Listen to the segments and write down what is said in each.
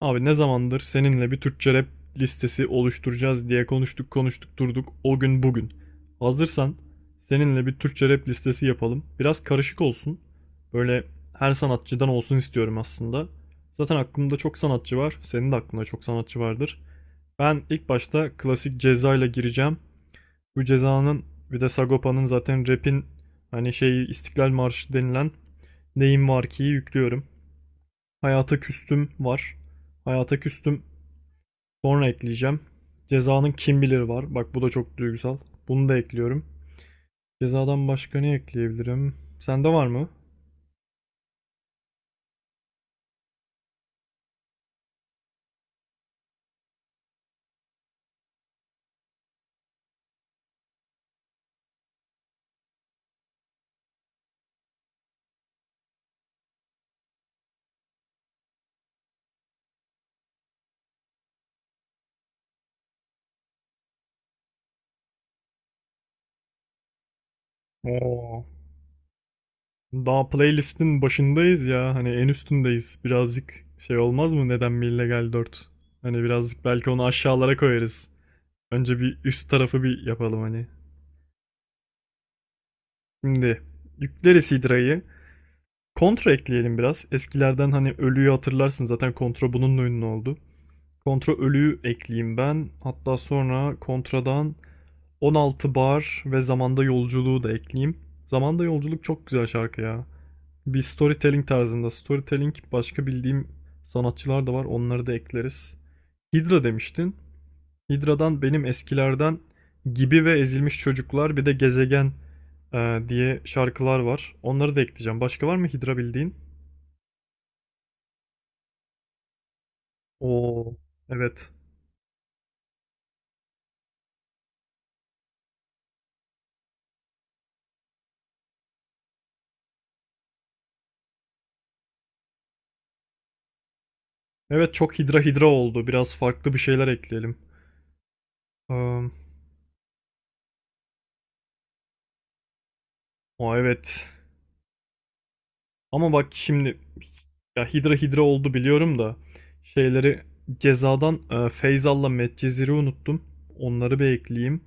Abi ne zamandır seninle bir Türkçe rap listesi oluşturacağız diye konuştuk konuştuk durduk o gün bugün. Hazırsan seninle bir Türkçe rap listesi yapalım. Biraz karışık olsun. Böyle her sanatçıdan olsun istiyorum aslında. Zaten aklımda çok sanatçı var. Senin de aklında çok sanatçı vardır. Ben ilk başta klasik Ceza ile gireceğim. Bu Ceza'nın bir de Sagopa'nın zaten rap'in hani şey İstiklal Marşı denilen Neyim Var Ki'yi yüklüyorum. Hayata Küstüm var. Hayata Küstüm sonra ekleyeceğim. Cezanın kim bilir var. Bak bu da çok duygusal. Bunu da ekliyorum. Cezadan başka ne ekleyebilirim? Sende var mı? Oo. Daha playlistin başındayız ya. Hani en üstündeyiz. Birazcık şey olmaz mı? Neden mi illegal 4? Hani birazcık belki onu aşağılara koyarız. Önce bir üst tarafı bir yapalım hani. Şimdi yükleriz Hydra'yı. Kontra ekleyelim biraz. Eskilerden hani ölüyü hatırlarsın zaten kontra bununla ünlü oldu. Kontra ölü ekleyeyim ben. Hatta sonra kontradan 16 bar ve zamanda yolculuğu da ekleyeyim. Zamanda yolculuk çok güzel şarkı ya. Bir storytelling tarzında. Storytelling başka bildiğim sanatçılar da var. Onları da ekleriz. Hydra demiştin. Hydra'dan benim eskilerden Gibi ve Ezilmiş Çocuklar bir de Gezegen diye şarkılar var. Onları da ekleyeceğim. Başka var mı Hydra bildiğin? Oo, evet. Evet çok Hydra Hydra oldu. Biraz farklı bir şeyler ekleyelim. Eee, O evet. Ama bak şimdi ya Hidra Hidra oldu biliyorum da şeyleri cezadan Feyzal'la Medcezir'i unuttum. Onları bir ekleyeyim.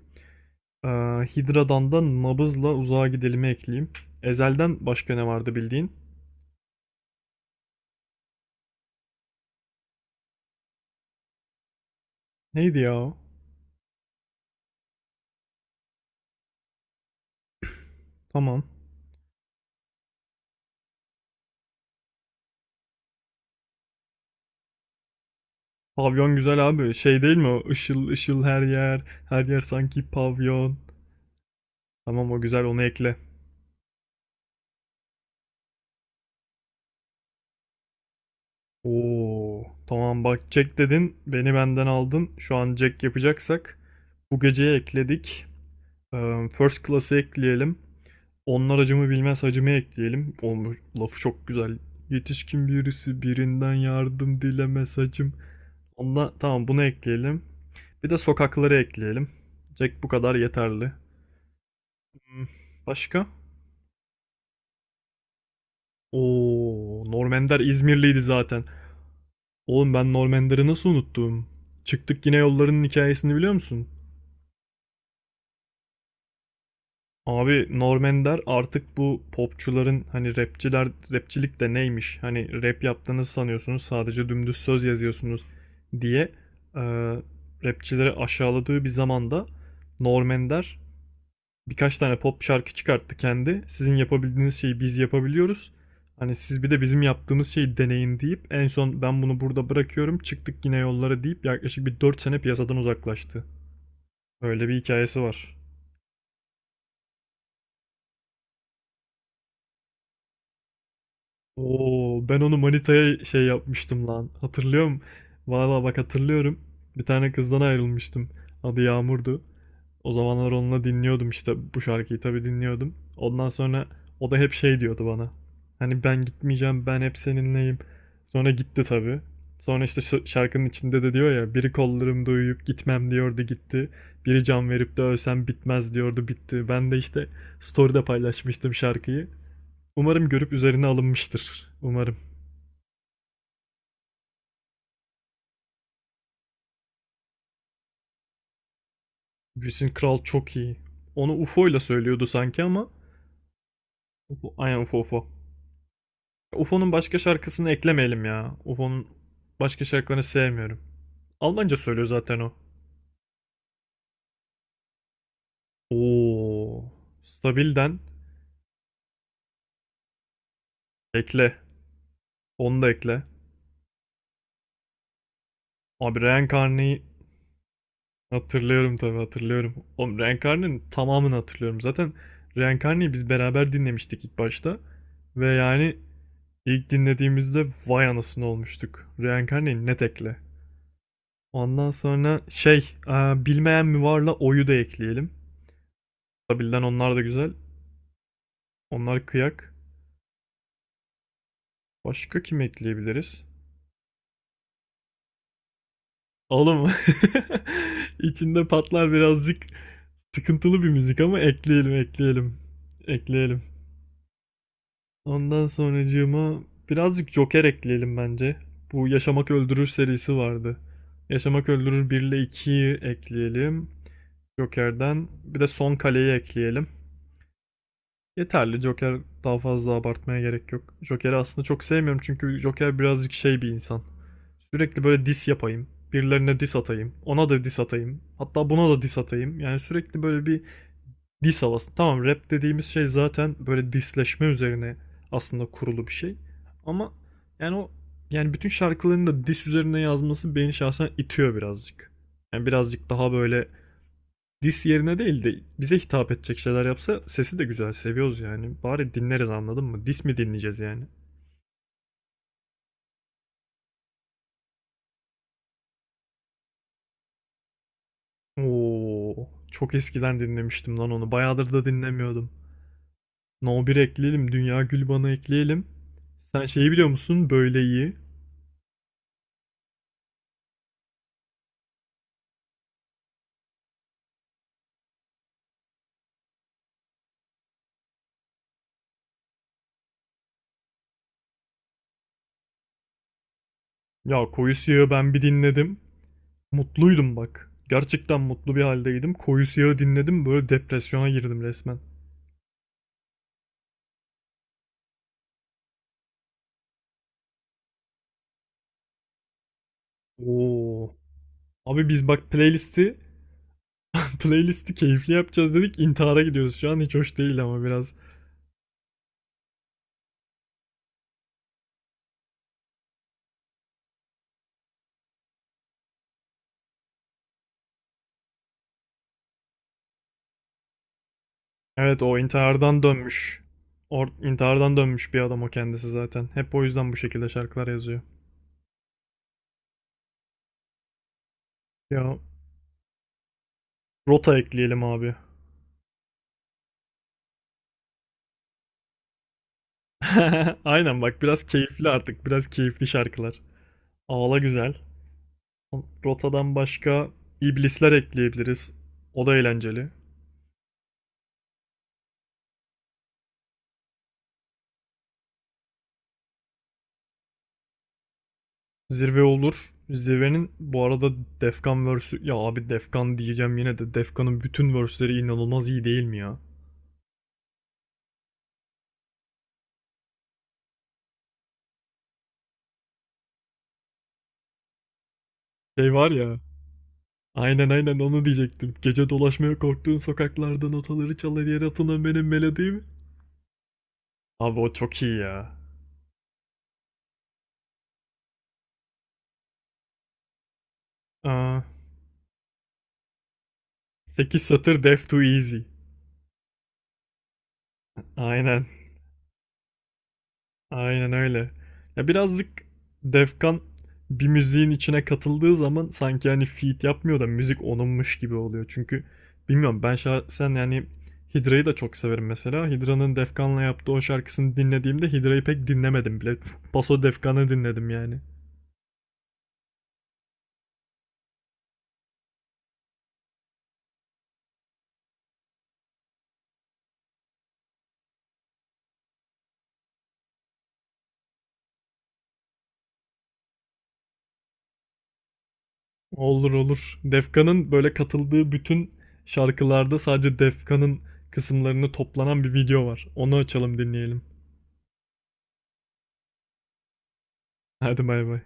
E, Hidra'dan da Nabız'la Uzağa Gidelim'i ekleyeyim. Ezel'den başka ne vardı bildiğin? Neydi ya o? Tamam. Pavyon güzel abi. Şey değil mi o? Işıl ışıl her yer. Her yer sanki pavyon. Tamam o güzel onu ekle. Oo, tamam bak Jack dedin. Beni benden aldın. Şu an Jack yapacaksak bu geceye ekledik. First Class'ı ekleyelim. Onlar acımı bilmez hacımı ekleyelim. Olmuş, lafı çok güzel. Yetişkin birisi birinden yardım dilemez hacım. Onunla, tamam bunu ekleyelim. Bir de sokakları ekleyelim. Jack bu kadar yeterli. Hmm. Başka? Oo. Normender İzmirliydi zaten. Oğlum ben Normender'i nasıl unuttum? Çıktık yine yollarının hikayesini biliyor musun? Abi Norm Ender artık bu popçuların hani rapçiler rapçilik de neymiş hani rap yaptığınız sanıyorsunuz sadece dümdüz söz yazıyorsunuz diye e, rapçileri aşağıladığı bir zamanda Norm Ender birkaç tane pop şarkı çıkarttı kendi. Sizin yapabildiğiniz şeyi biz yapabiliyoruz. Hani siz bir de bizim yaptığımız şeyi deneyin deyip en son ben bunu burada bırakıyorum çıktık yine yollara deyip yaklaşık bir 4 sene piyasadan uzaklaştı. Öyle bir hikayesi var. Oo, ben onu manitaya şey yapmıştım lan. Hatırlıyorum. Valla bak hatırlıyorum. Bir tane kızdan ayrılmıştım. Adı Yağmur'du. O zamanlar onunla dinliyordum işte bu şarkıyı tabii dinliyordum. Ondan sonra o da hep şey diyordu bana. Hani ben gitmeyeceğim, ben hep seninleyim. Sonra gitti tabii. Sonra işte şu şarkının içinde de diyor ya biri kollarımda uyuyup gitmem diyordu gitti. Biri can verip de ölsem bitmez diyordu bitti. Ben de işte story'de paylaşmıştım şarkıyı. Umarım görüp üzerine alınmıştır. Umarım. Jason Kral çok iyi. Onu UFO ile söylüyordu sanki ama. UFO, aynen UFO UFO. UFO'nun başka şarkısını eklemeyelim ya. UFO'nun başka şarkılarını sevmiyorum. Almanca söylüyor zaten o. Oo. Stabilden ekle. Onu da ekle. Abi Reencarne'yi hatırlıyorum tabii hatırlıyorum. Oğlum Reencarne'nin tamamını hatırlıyorum. Zaten Reencarne'yi biz beraber dinlemiştik ilk başta. Ve yani İlk dinlediğimizde vay anasını olmuştuk. Reenkarneyi net ekle. Ondan sonra bilmeyen mi varla oyu da ekleyelim. Tabilden onlar da güzel. Onlar kıyak. Başka kim ekleyebiliriz? Oğlum içinde patlar birazcık sıkıntılı bir müzik ama ekleyelim ekleyelim. Ekleyelim. Ondan sonracığıma birazcık Joker ekleyelim bence. Bu Yaşamak Öldürür serisi vardı. Yaşamak Öldürür 1 ile 2'yi ekleyelim. Joker'den bir de son kaleyi ekleyelim. Yeterli. Joker daha fazla abartmaya gerek yok. Joker'i aslında çok sevmiyorum çünkü Joker birazcık şey bir insan. Sürekli böyle diss yapayım. Birilerine diss atayım. Ona da diss atayım. Hatta buna da diss atayım. Yani sürekli böyle bir diss havası. Tamam rap dediğimiz şey zaten böyle dissleşme üzerine aslında kurulu bir şey. Ama yani o yani bütün şarkılarını da diss üzerine yazması beni şahsen itiyor birazcık. Yani birazcık daha böyle dis yerine değil de bize hitap edecek şeyler yapsa sesi de güzel seviyoruz yani. Bari dinleriz anladın mı? Dis mi dinleyeceğiz yani? Oo, çok eskiden dinlemiştim lan onu. Bayağıdır da dinlemiyordum. No bir ekleyelim, Dünya Gülban'ı ekleyelim. Sen şeyi biliyor musun? Böyle iyi. Ya Koyu Siyah'ı ben bir dinledim. Mutluydum bak. Gerçekten mutlu bir haldeydim. Koyu Siyah'ı dinledim böyle depresyona girdim resmen. Oo. Abi biz bak playlisti keyifli yapacağız dedik. İntihar'a gidiyoruz şu an. Hiç hoş değil ama biraz. Evet o intihardan dönmüş. Or intihardan dönmüş bir adam o kendisi zaten. Hep o yüzden bu şekilde şarkılar yazıyor. Ya rota ekleyelim abi. Aynen bak biraz keyifli artık. Biraz keyifli şarkılar. Ağla güzel. Rotadan başka iblisler ekleyebiliriz. O da eğlenceli. Zirve olur. Zirvenin bu arada Defkan verse'ü ya abi Defkan diyeceğim yine de Defkan'ın bütün verse'leri inanılmaz iyi değil mi ya? Şey var ya. Aynen aynen onu diyecektim. Gece dolaşmaya korktuğun sokaklarda notaları çalar yere atılan benim melodi mi? Abi o çok iyi ya. Aa, 8 satır Def Too Easy. Aynen. Aynen öyle. Ya birazcık Defkan bir müziğin içine katıldığı zaman sanki hani feat yapmıyor da müzik onunmuş gibi oluyor. Çünkü bilmiyorum ben şahsen yani Hydra'yı da çok severim mesela. Hydra'nın Defkan'la yaptığı o şarkısını dinlediğimde Hydra'yı pek dinlemedim bile. Paso Defkan'ı dinledim yani. Olur olur. Defkan'ın böyle katıldığı bütün şarkılarda sadece Defkan'ın kısımlarını toplanan bir video var. Onu açalım dinleyelim. Hadi bay bay.